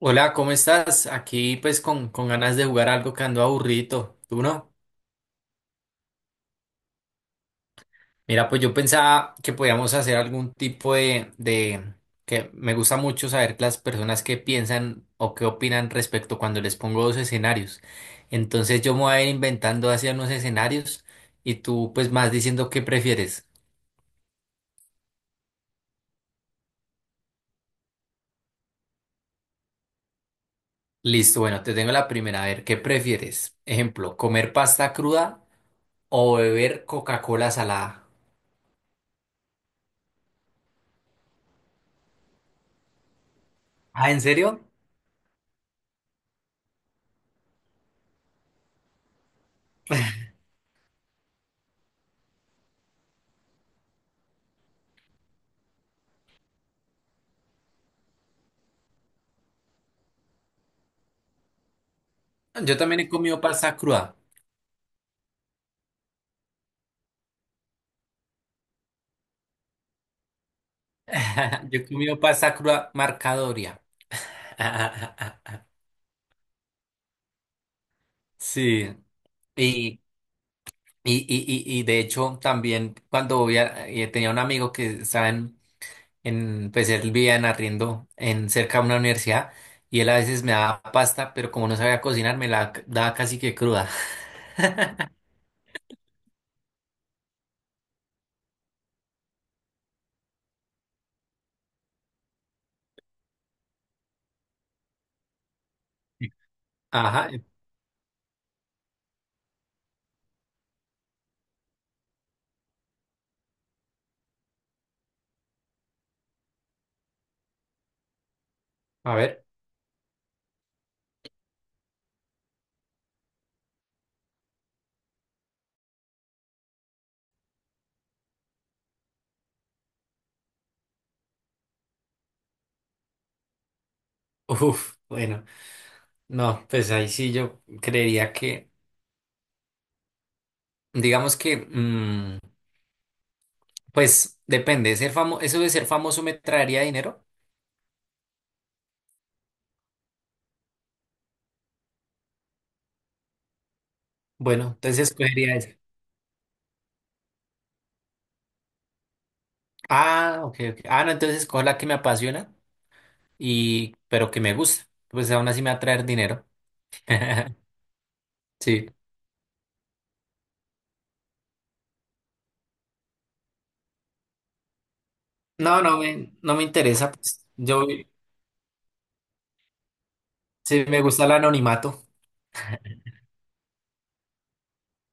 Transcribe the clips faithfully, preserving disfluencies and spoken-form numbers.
Hola, ¿cómo estás? Aquí pues con, con ganas de jugar algo que ando aburrido. ¿Tú no? Mira, pues yo pensaba que podíamos hacer algún tipo de, de... que me gusta mucho saber las personas qué piensan o qué opinan respecto cuando les pongo dos escenarios. Entonces yo me voy a ir inventando hacia unos escenarios y tú pues más diciendo qué prefieres. Listo, bueno, te tengo la primera. A ver, ¿qué prefieres? Ejemplo, ¿comer pasta cruda o beber Coca-Cola salada? Ah, ¿en serio? Yo también he comido pasta cruda. Yo he comido pasta cruda marcadoria. Sí. Y, y, y, y, y de hecho, también cuando voy a- eh, tenía un amigo que estaba en, en, pues él vivía en arriendo en cerca de una universidad y él a veces me daba pasta, pero como no sabía cocinar, me la c- daba casi que cruda. Ajá, a ver. Uf, bueno, no, pues ahí sí yo creería que, digamos que. mm, Pues depende, ser famoso, eso de ser famoso me traería dinero. Bueno, entonces escogería esa. Ah, ok, ok. Ah, no, entonces escojo la que me apasiona y pero que me gusta. Pues aún así me va a traer dinero. Sí. No, no me, no me interesa. Pues. Yo sí me gusta el anonimato.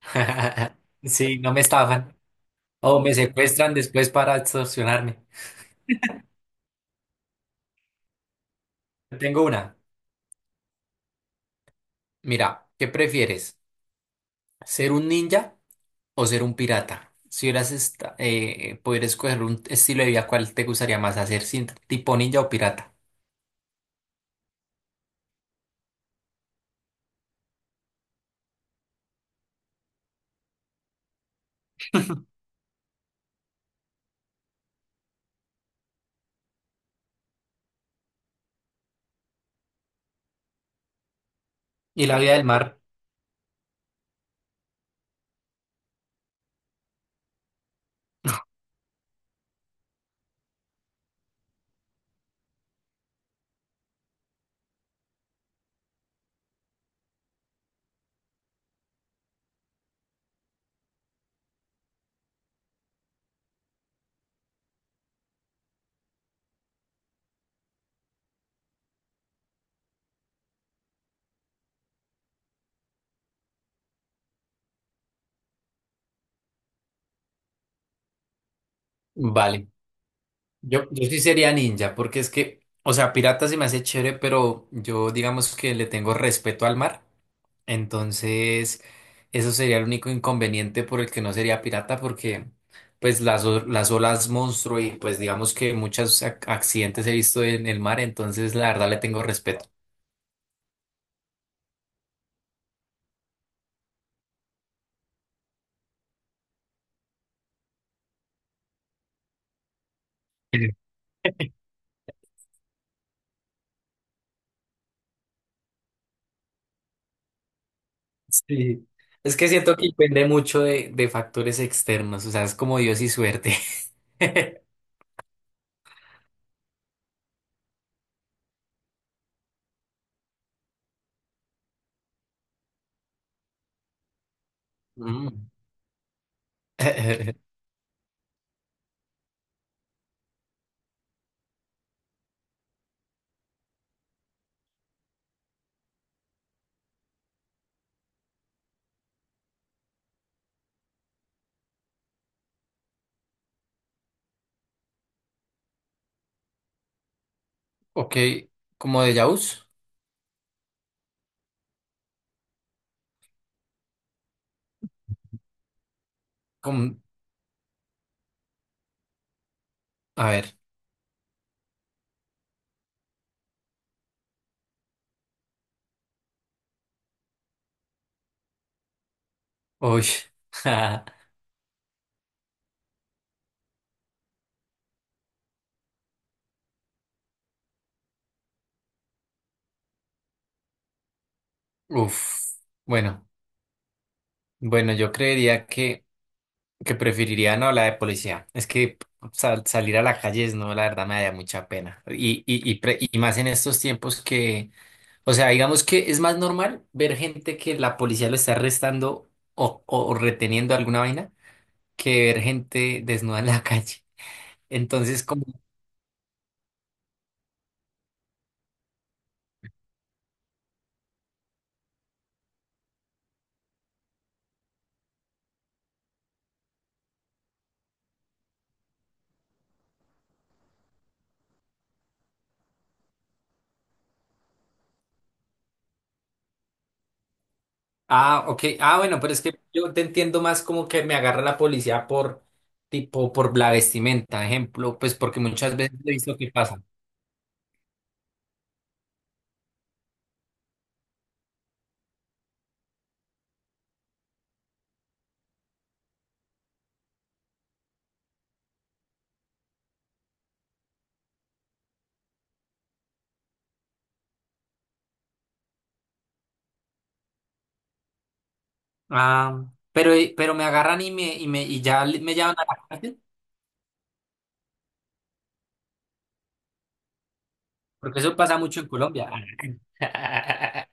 Sí, no me estafan. O me secuestran después para extorsionarme. Tengo una. Mira, ¿qué prefieres? ¿Ser un ninja o ser un pirata? Si hubieras esta- eh, poder escoger un estilo de vida, ¿cuál te gustaría más hacer? ¿Sin- ¿Tipo ninja o pirata? Y la vida del mar, vale. Yo, yo sí sería ninja, porque es que, o sea, pirata se me hace chévere, pero yo digamos que le tengo respeto al mar. Entonces, eso sería el único inconveniente por el que no sería pirata, porque pues las, o- las olas monstruo y pues digamos que muchos ac- accidentes he visto en el mar, entonces la verdad le tengo respeto. Sí. Es que siento que depende mucho de, de factores externos, o sea, es como Dios y suerte. Mm. Ok, como de Jaws. Com- a ver, uy, uf, bueno, bueno, yo creería que, que preferiría no la de policía. Es que sal- salir a la calle es no, la verdad me da mucha pena. Y, y, y, pre- y más en estos tiempos que, o sea, digamos que es más normal ver gente que la policía lo está arrestando o, o reteniendo alguna vaina que ver gente desnuda en la calle. Entonces, como, ah, ok, ah, bueno, pero es que yo te entiendo más como que me agarra la policía por, tipo, por la vestimenta, ejemplo, pues porque muchas veces he visto que pasa. Ah, pero, eh, pero me agarran y me, y me, y ya le- me llevan a la cárcel, porque eso pasa mucho en Colombia.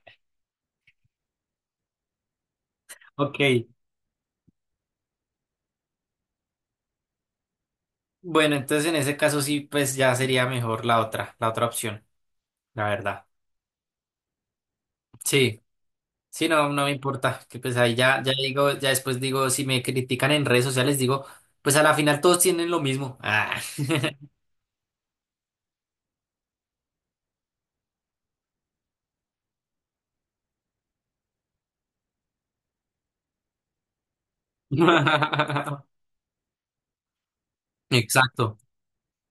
Ok. Bueno, entonces en ese caso sí, pues ya sería mejor la otra, la otra opción, la verdad. Sí, sí, no, no me importa, que pues ahí ya, ya digo, ya después digo, si me critican en redes sociales, digo, pues a la final todos tienen lo mismo. Ah. Exacto.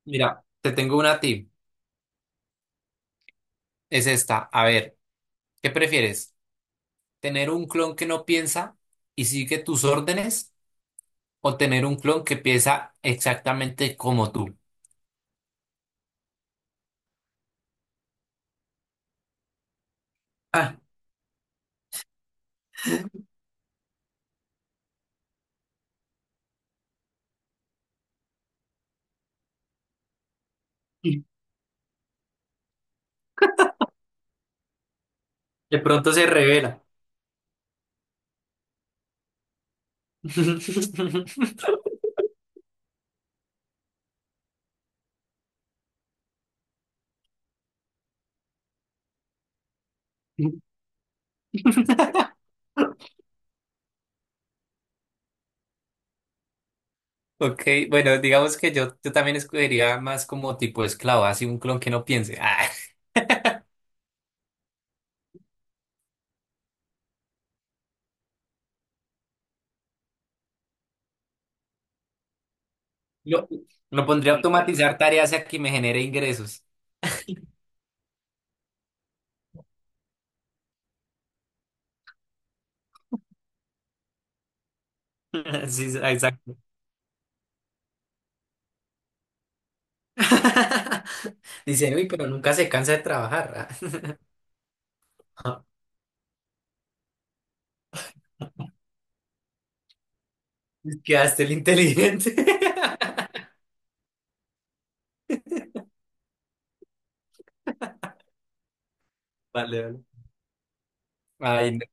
Mira, te tengo una a ti. Es esta. A ver, ¿qué prefieres? ¿Tener un clon que no piensa y sigue tus órdenes o tener un clon que piensa exactamente como tú? Ah, de pronto se revela. Ok, bueno, digamos que yo, yo también escogería más como tipo esclavo, así un clon que no piense. Ah, lo, lo pondría a automatizar tareas y a que me genere ingresos. Sí, exacto. Dicen, uy, pero nunca se cansa de trabajar. Ah". Quedaste el inteligente. Vale, vale. Ay, no.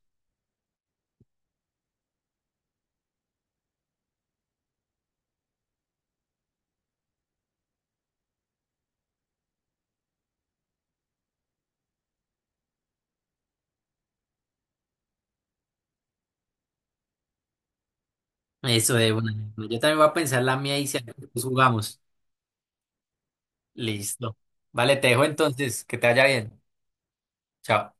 Eso de una. Yo también voy a pensar la mía y si algo, pues jugamos. Listo. Vale, te dejo entonces. Que te vaya bien. Chao.